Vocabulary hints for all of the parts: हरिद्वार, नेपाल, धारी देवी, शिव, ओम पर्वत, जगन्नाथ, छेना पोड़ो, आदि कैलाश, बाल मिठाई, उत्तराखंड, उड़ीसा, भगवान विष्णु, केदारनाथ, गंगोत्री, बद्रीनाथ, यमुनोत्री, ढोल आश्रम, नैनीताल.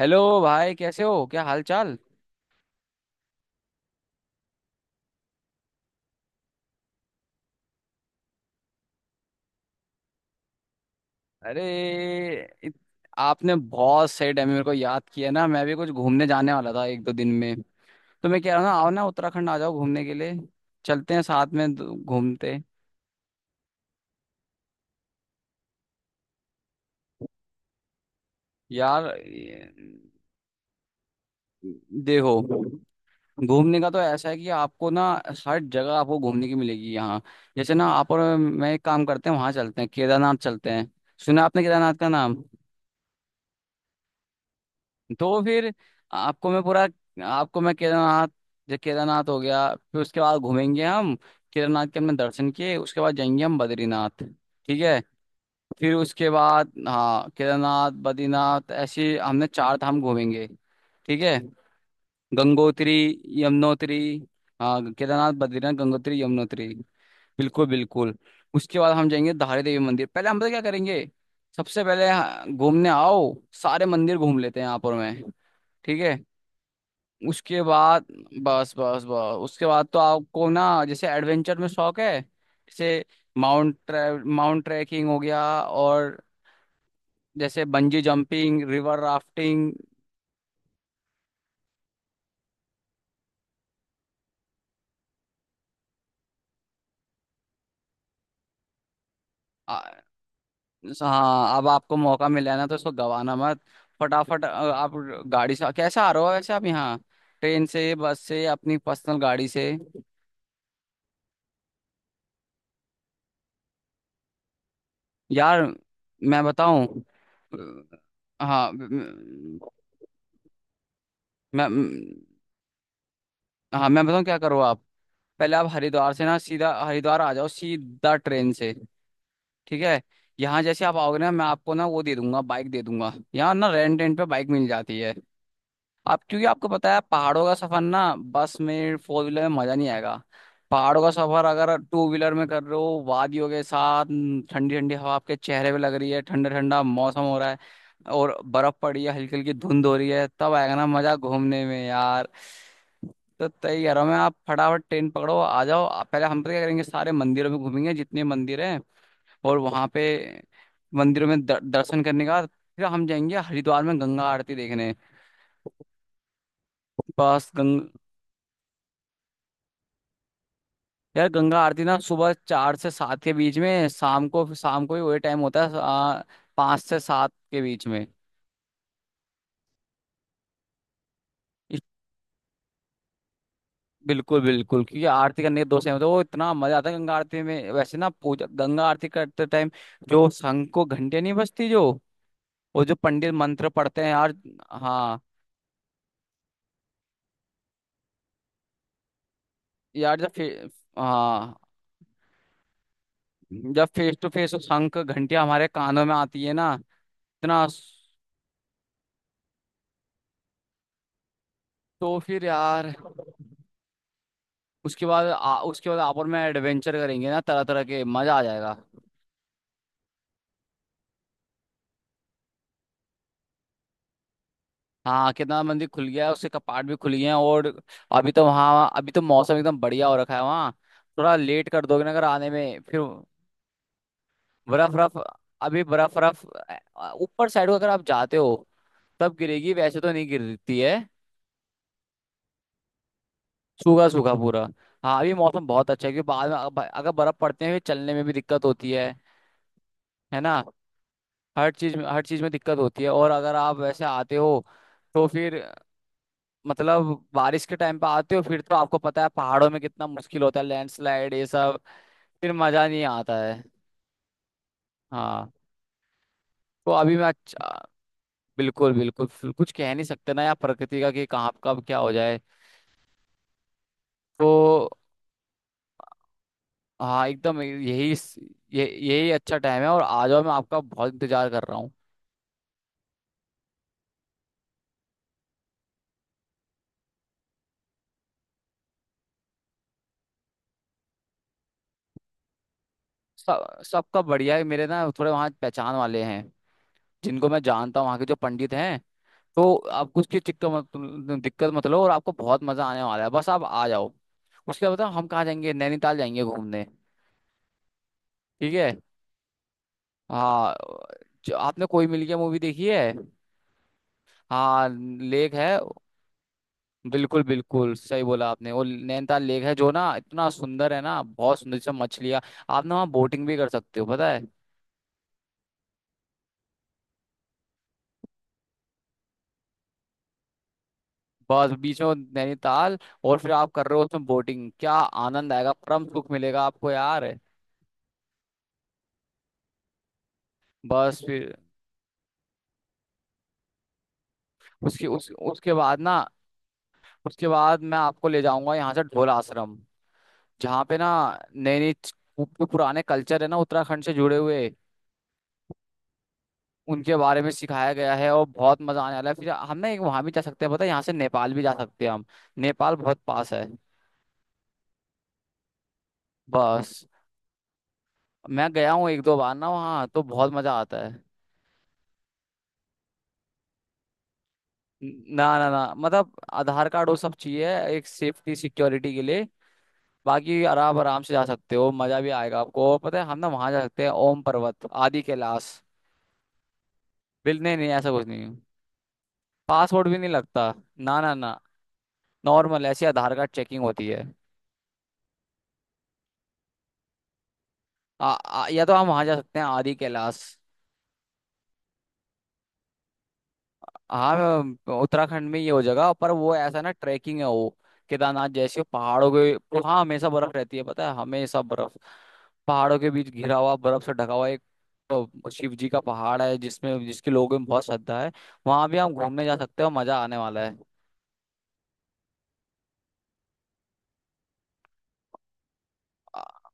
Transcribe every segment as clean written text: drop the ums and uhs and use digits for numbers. Hello भाई, कैसे हो? क्या हाल चाल? अरे, इत- आपने बहुत सही टाइम में मेरे को याद किया ना। मैं भी कुछ घूमने जाने वाला था एक दो दिन में। तो मैं कह रहा हूँ ना, आओ ना, उत्तराखंड आ जाओ घूमने के लिए। चलते हैं साथ में, घूमते। यार ये- देखो, घूमने का तो ऐसा है कि आपको ना हर जगह आपको घूमने की मिलेगी यहाँ। जैसे ना, आप और मैं एक काम करते हैं, वहां चलते हैं, केदारनाथ चलते हैं। सुना आपने केदारनाथ का नाम? तो फिर आपको मैं पूरा आपको मैं केदारनाथ, जो केदारनाथ हो गया फिर उसके बाद घूमेंगे हम। केदारनाथ के हमने दर्शन किए, उसके बाद जाएंगे हम बद्रीनाथ। ठीक है? फिर उसके बाद हाँ, केदारनाथ, बद्रीनाथ, ऐसे हमने चार धाम घूमेंगे। ठीक है? गंगोत्री, यमुनोत्री। हाँ, केदारनाथ, बद्रीनाथ, गंगोत्री, यमुनोत्री। बिल्कुल बिल्कुल। उसके बाद हम जाएंगे धारी देवी मंदिर। पहले हम पता क्या करेंगे? सबसे पहले हाँ, घूमने आओ। सारे मंदिर घूम लेते हैं यहाँ पर मैं। ठीक है? उसके बाद बस बस बस उसके बाद तो आपको ना, जैसे एडवेंचर में शौक है, जैसे माउंट ट्रैकिंग हो गया, और जैसे बंजी जंपिंग, रिवर राफ्टिंग। आ- हाँ, अब आपको मौका मिला है ना, तो इसको गवाना मत। फटाफट आप गाड़ी से कैसे आ रहे हो वैसे आप यहाँ? ट्रेन से, बस से, अपनी पर्सनल गाड़ी से? यार मैं बताऊं। अ, हाँ म- म- मैं हाँ, मैं बताऊं, क्या करो आप? पहले आप हरिद्वार से ना, सीधा हरिद्वार आ जाओ सीधा ट्रेन से। ठीक है? यहाँ जैसे आप आओगे ना, मैं आपको ना वो दे दूंगा, बाइक दे दूंगा, यहाँ ना रेंट रेंट पे बाइक मिल जाती है। आप क्योंकि आपको पता है पहाड़ों का सफर ना, बस में, फोर व्हीलर में मजा नहीं आएगा। पहाड़ों का सफर अगर टू व्हीलर में कर रहे हो वादियों के साथ न, ठंडी ठंडी हवा आपके चेहरे पे लग रही है, ठंडा ठंडा मौसम हो रहा है, और बर्फ पड़ी है, हल्की हल्की धुंध हो रही है, तब आएगा ना मजा घूमने में यार। तो तय कह रहा हूँ मैं, आप फटाफट ट्रेन पकड़ो, आ जाओ आप। पहले हम तो क्या करेंगे, सारे मंदिरों में घूमेंगे, जितने मंदिर हैं। और वहाँ पे मंदिरों में दर्शन करने का, फिर हम जाएंगे हरिद्वार में गंगा आरती देखने। बस गंग यार, गंगा आरती ना सुबह 4 से 7 के बीच में, शाम को, शाम को ही वही टाइम होता है। 5 से 7 के बीच में। बिल्कुल बिल्कुल, क्योंकि आरती करने के दो समय होते हैं। वो इतना मजा आता है गंगा आरती में वैसे ना, पूजा गंगा आरती करते टाइम, जो शंख को घंटे नहीं बजती, जो वो जो पंडित मंत्र पढ़ते हैं यार। हाँ। यार जब फे, हाँ, जब फेस टू फेस शंख घंटियां हमारे कानों में आती है ना, इतना। तो फिर यार उसके बाद उसके बाद आपस में एडवेंचर करेंगे ना तरह तरह के, मजा आ जाएगा। हाँ, कितना मंदिर खुल गया है, उसके कपाट भी खुल गए हैं, और अभी तो वहाँ, अभी तो मौसम एकदम बढ़िया हो रखा है वहाँ। थोड़ा लेट कर दोगे ना अगर आने में फिर। बर्फ बर्फ, अभी बर्फ बर्फ, ऊपर साइड को अगर आप जाते हो तब गिरेगी, वैसे तो नहीं गिरती है। सूखा सूखा पूरा। हाँ, अभी मौसम बहुत अच्छा है, क्योंकि बाद में अगर बर्फ पड़ते हैं फिर चलने में भी दिक्कत होती है। है ना? हर चीज में दिक्कत होती है। और अगर आप वैसे आते हो तो फिर, मतलब बारिश के टाइम पे आते हो, फिर तो आपको पता है पहाड़ों में कितना मुश्किल होता है, लैंडस्लाइड ये सब। फिर मजा नहीं आता है। हाँ। तो अभी मैं, अच्छा, बिल्कुल बिल्कुल, फिर कुछ कह नहीं सकते ना यार प्रकृति का कि कहाँ कब क्या हो जाए। तो हाँ, एकदम यही, ये यही अच्छा टाइम है, और आ जाओ, मैं आपका बहुत इंतजार कर रहा हूँ। सब सबका बढ़िया है, मेरे ना थोड़े वहाँ पहचान वाले हैं, जिनको मैं जानता हूँ वहाँ के जो पंडित हैं। तो आपको उसकी दिक्कत मत दिक्कत मत लो, और आपको बहुत मजा आने वाला है, बस आप आ जाओ। उसके बाद बताओ हम कहाँ जाएंगे, नैनीताल जाएंगे घूमने। ठीक है? हाँ, जो आपने कोई मिल गया मूवी देखी है। हाँ, लेक है। बिल्कुल बिल्कुल, सही बोला आपने, वो नैनीताल लेक है, जो ना इतना सुंदर है ना, बहुत सुंदर सा, मछलियाँ। आप ना वहाँ बोटिंग भी कर सकते हो, पता है? बस बीच में वो नैनीताल, और फिर आप कर रहे हो उसमें बोटिंग, क्या आनंद आएगा, परम सुख मिलेगा आपको यार। बस फिर, उसके उस उसके बाद ना उसके बाद मैं आपको ले जाऊंगा यहाँ से ढोल आश्रम, जहाँ पे ना, नई नई, जो पुराने कल्चर है ना उत्तराखंड से जुड़े हुए, उनके बारे में सिखाया गया है। और बहुत मजा आने वाला है। फिर हम ना एक वहां भी जा सकते हैं, पता है, यहाँ से नेपाल भी जा सकते हैं हम। नेपाल बहुत पास है। बस, मैं गया हूँ एक दो बार ना वहाँ, तो बहुत मजा आता है। ना ना ना, मतलब आधार कार्ड वो सब चाहिए एक सेफ्टी सिक्योरिटी के लिए। बाकी आराम आराम से जा सकते हो, मजा भी आएगा आपको। और पता है, हम ना वहां जा सकते हैं ओम पर्वत, आदि कैलाश। बिल नहीं नहीं, ऐसा कुछ नहीं, पासवर्ड भी नहीं लगता। ना ना ना, नॉर्मल ऐसी आधार कार्ड चेकिंग होती है। आ, आ, या तो हम वहाँ जा सकते हैं आदि कैलाश। हाँ, उत्तराखंड में ये हो जगह पर, वो ऐसा ना, ट्रैकिंग है वो। केदारनाथ जैसे पहाड़ों के, वहाँ हमेशा बर्फ रहती है, पता है, हमेशा बर्फ। पहाड़ों के बीच घिरा हुआ, बर्फ से ढका हुआ एक, तो शिव जी का पहाड़ है जिसमें, जिसके लोगों में बहुत श्रद्धा है। वहां भी हम घूमने जा सकते हैं, और मजा आने वाला है।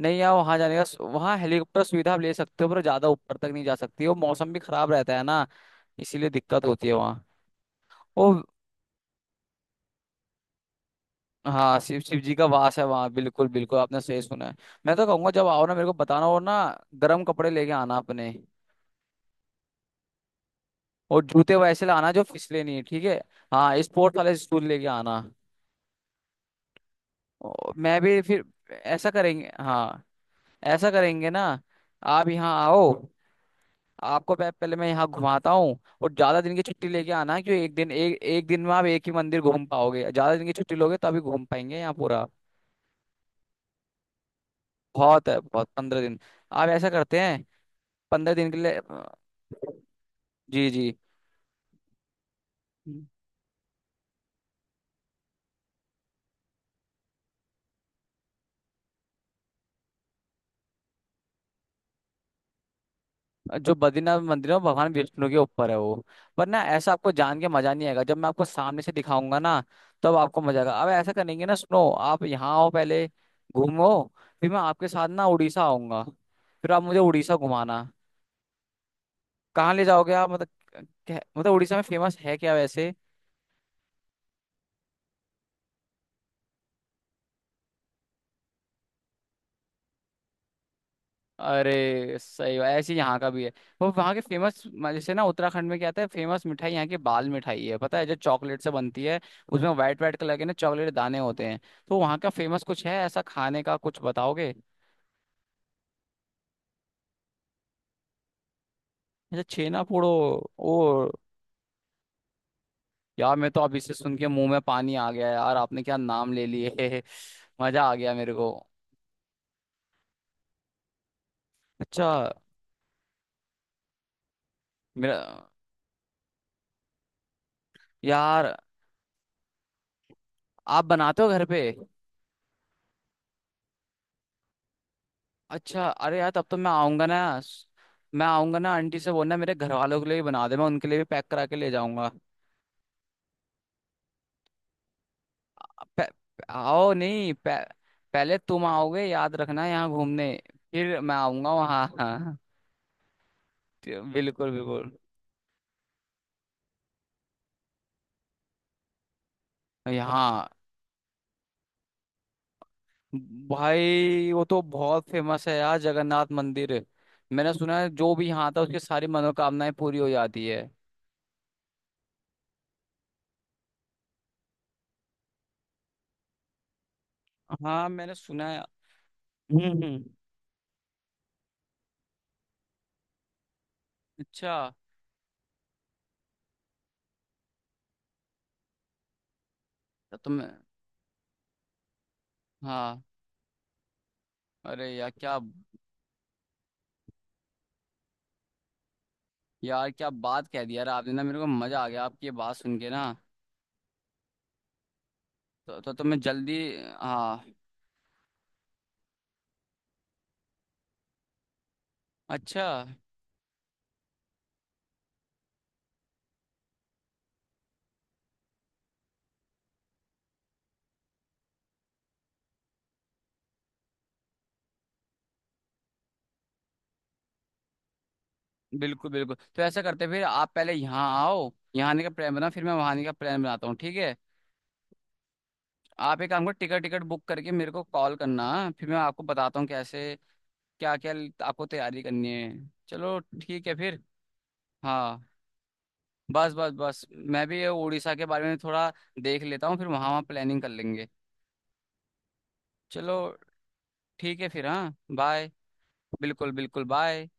नहीं यार, वहाँ जाने का, वहाँ हेलीकॉप्टर सुविधा आप ले सकते हो, पर ज्यादा ऊपर तक नहीं जा सकती, वो मौसम भी खराब रहता है ना, इसीलिए दिक्कत होती है वहाँ। वो हाँ, शिव शिव जी का वास है वहाँ, बिल्कुल बिल्कुल, आपने सही सुना है। मैं तो कहूंगा, जब आओ ना मेरे को बताना, और ना गर्म कपड़े लेके आना अपने, और जूते वैसे लाना जो फिसले नहीं, ठीक है? हाँ, स्पोर्ट्स वाले शूज लेके आना। और मैं भी फिर, ऐसा करेंगे हाँ, ऐसा करेंगे ना। आप यहाँ आओ, आपको पहले मैं यहाँ घुमाता हूँ, और ज्यादा दिन की छुट्टी लेके आना क्यों, एक दिन, एक एक दिन में आप एक ही मंदिर घूम पाओगे, ज्यादा दिन की छुट्टी लोगे तभी घूम पाएंगे यहाँ पूरा। बहुत है बहुत, 15 दिन। आप ऐसा करते हैं, 15 दिन के लिए जी जी। जो बद्रीनाथ मंदिर है वो भगवान विष्णु के ऊपर है वो, पर ना ऐसा आपको जान के मजा नहीं आएगा, जब मैं आपको सामने से दिखाऊंगा ना, तब आपको मजा आएगा। अब ऐसा करेंगे ना, सुनो, आप यहाँ आओ, पहले घूमो, फिर मैं आपके साथ ना उड़ीसा आऊंगा, फिर आप मुझे उड़ीसा घुमाना। कहाँ ले जाओगे आप, मतलब मतलब उड़ीसा में फेमस है क्या वैसे? अरे सही बात, ऐसे ही यहाँ का भी है। वो वहाँ के फेमस, जैसे ना उत्तराखंड में क्या आता है फेमस, मिठाई यहाँ की बाल मिठाई है, पता है, जो चॉकलेट से बनती है, उसमें वाइट वाइट कलर के ना चॉकलेट दाने होते हैं। तो वहाँ का फेमस कुछ है ऐसा खाने का, कुछ बताओगे? जैसे छेना पोड़ो, ओ! यार मैं तो अब इसे सुन के मुंह में पानी आ गया, यार आपने क्या नाम ले लिए। मजा आ गया मेरे को। अच्छा। मेरा, यार आप बनाते हो घर पे? अच्छा, अरे यार तब तो मैं आऊंगा ना। मैं आऊंगा ना, आंटी से बोलना मेरे घर वालों के लिए भी बना दे, मैं उनके लिए भी पैक करा के ले जाऊंगा। पे- आओ नहीं पे, पहले तुम आओगे याद रखना, यहाँ घूमने, फिर मैं आऊंगा वहाँ। हाँ, बिल्कुल बिल्कुल। यहाँ, भाई वो तो बहुत फेमस है यार जगन्नाथ मंदिर। मैंने सुना है जो भी यहाँ था उसकी सारी मनोकामनाएं पूरी हो जाती है। हाँ, मैंने सुना है। हम्म। अच्छा। तो तुम, हाँ, अरे यार क्या, यार क्या बात कह दी यार आपने ना, मेरे को मजा आ गया आपकी ये बात सुन के ना। तो मैं जल्दी, हाँ, अच्छा, बिल्कुल बिल्कुल। तो ऐसा करते हैं, फिर आप पहले यहाँ आओ, यहाँ आने का प्लान बना, फिर मैं वहाँ आने का प्लान बनाता हूँ, ठीक है? आप एक काम करो, टिकट टिकट बुक करके मेरे को कॉल करना, फिर मैं आपको बताता हूँ कैसे, क्या क्या आपको तैयारी करनी है। चलो, ठीक है फिर। हाँ, बस बस बस मैं भी ये उड़ीसा के बारे में थोड़ा देख लेता हूँ, फिर वहाँ वहाँ प्लानिंग कर लेंगे। चलो, ठीक है फिर, हाँ, बाय। बिल्कुल बिल्कुल, बाय।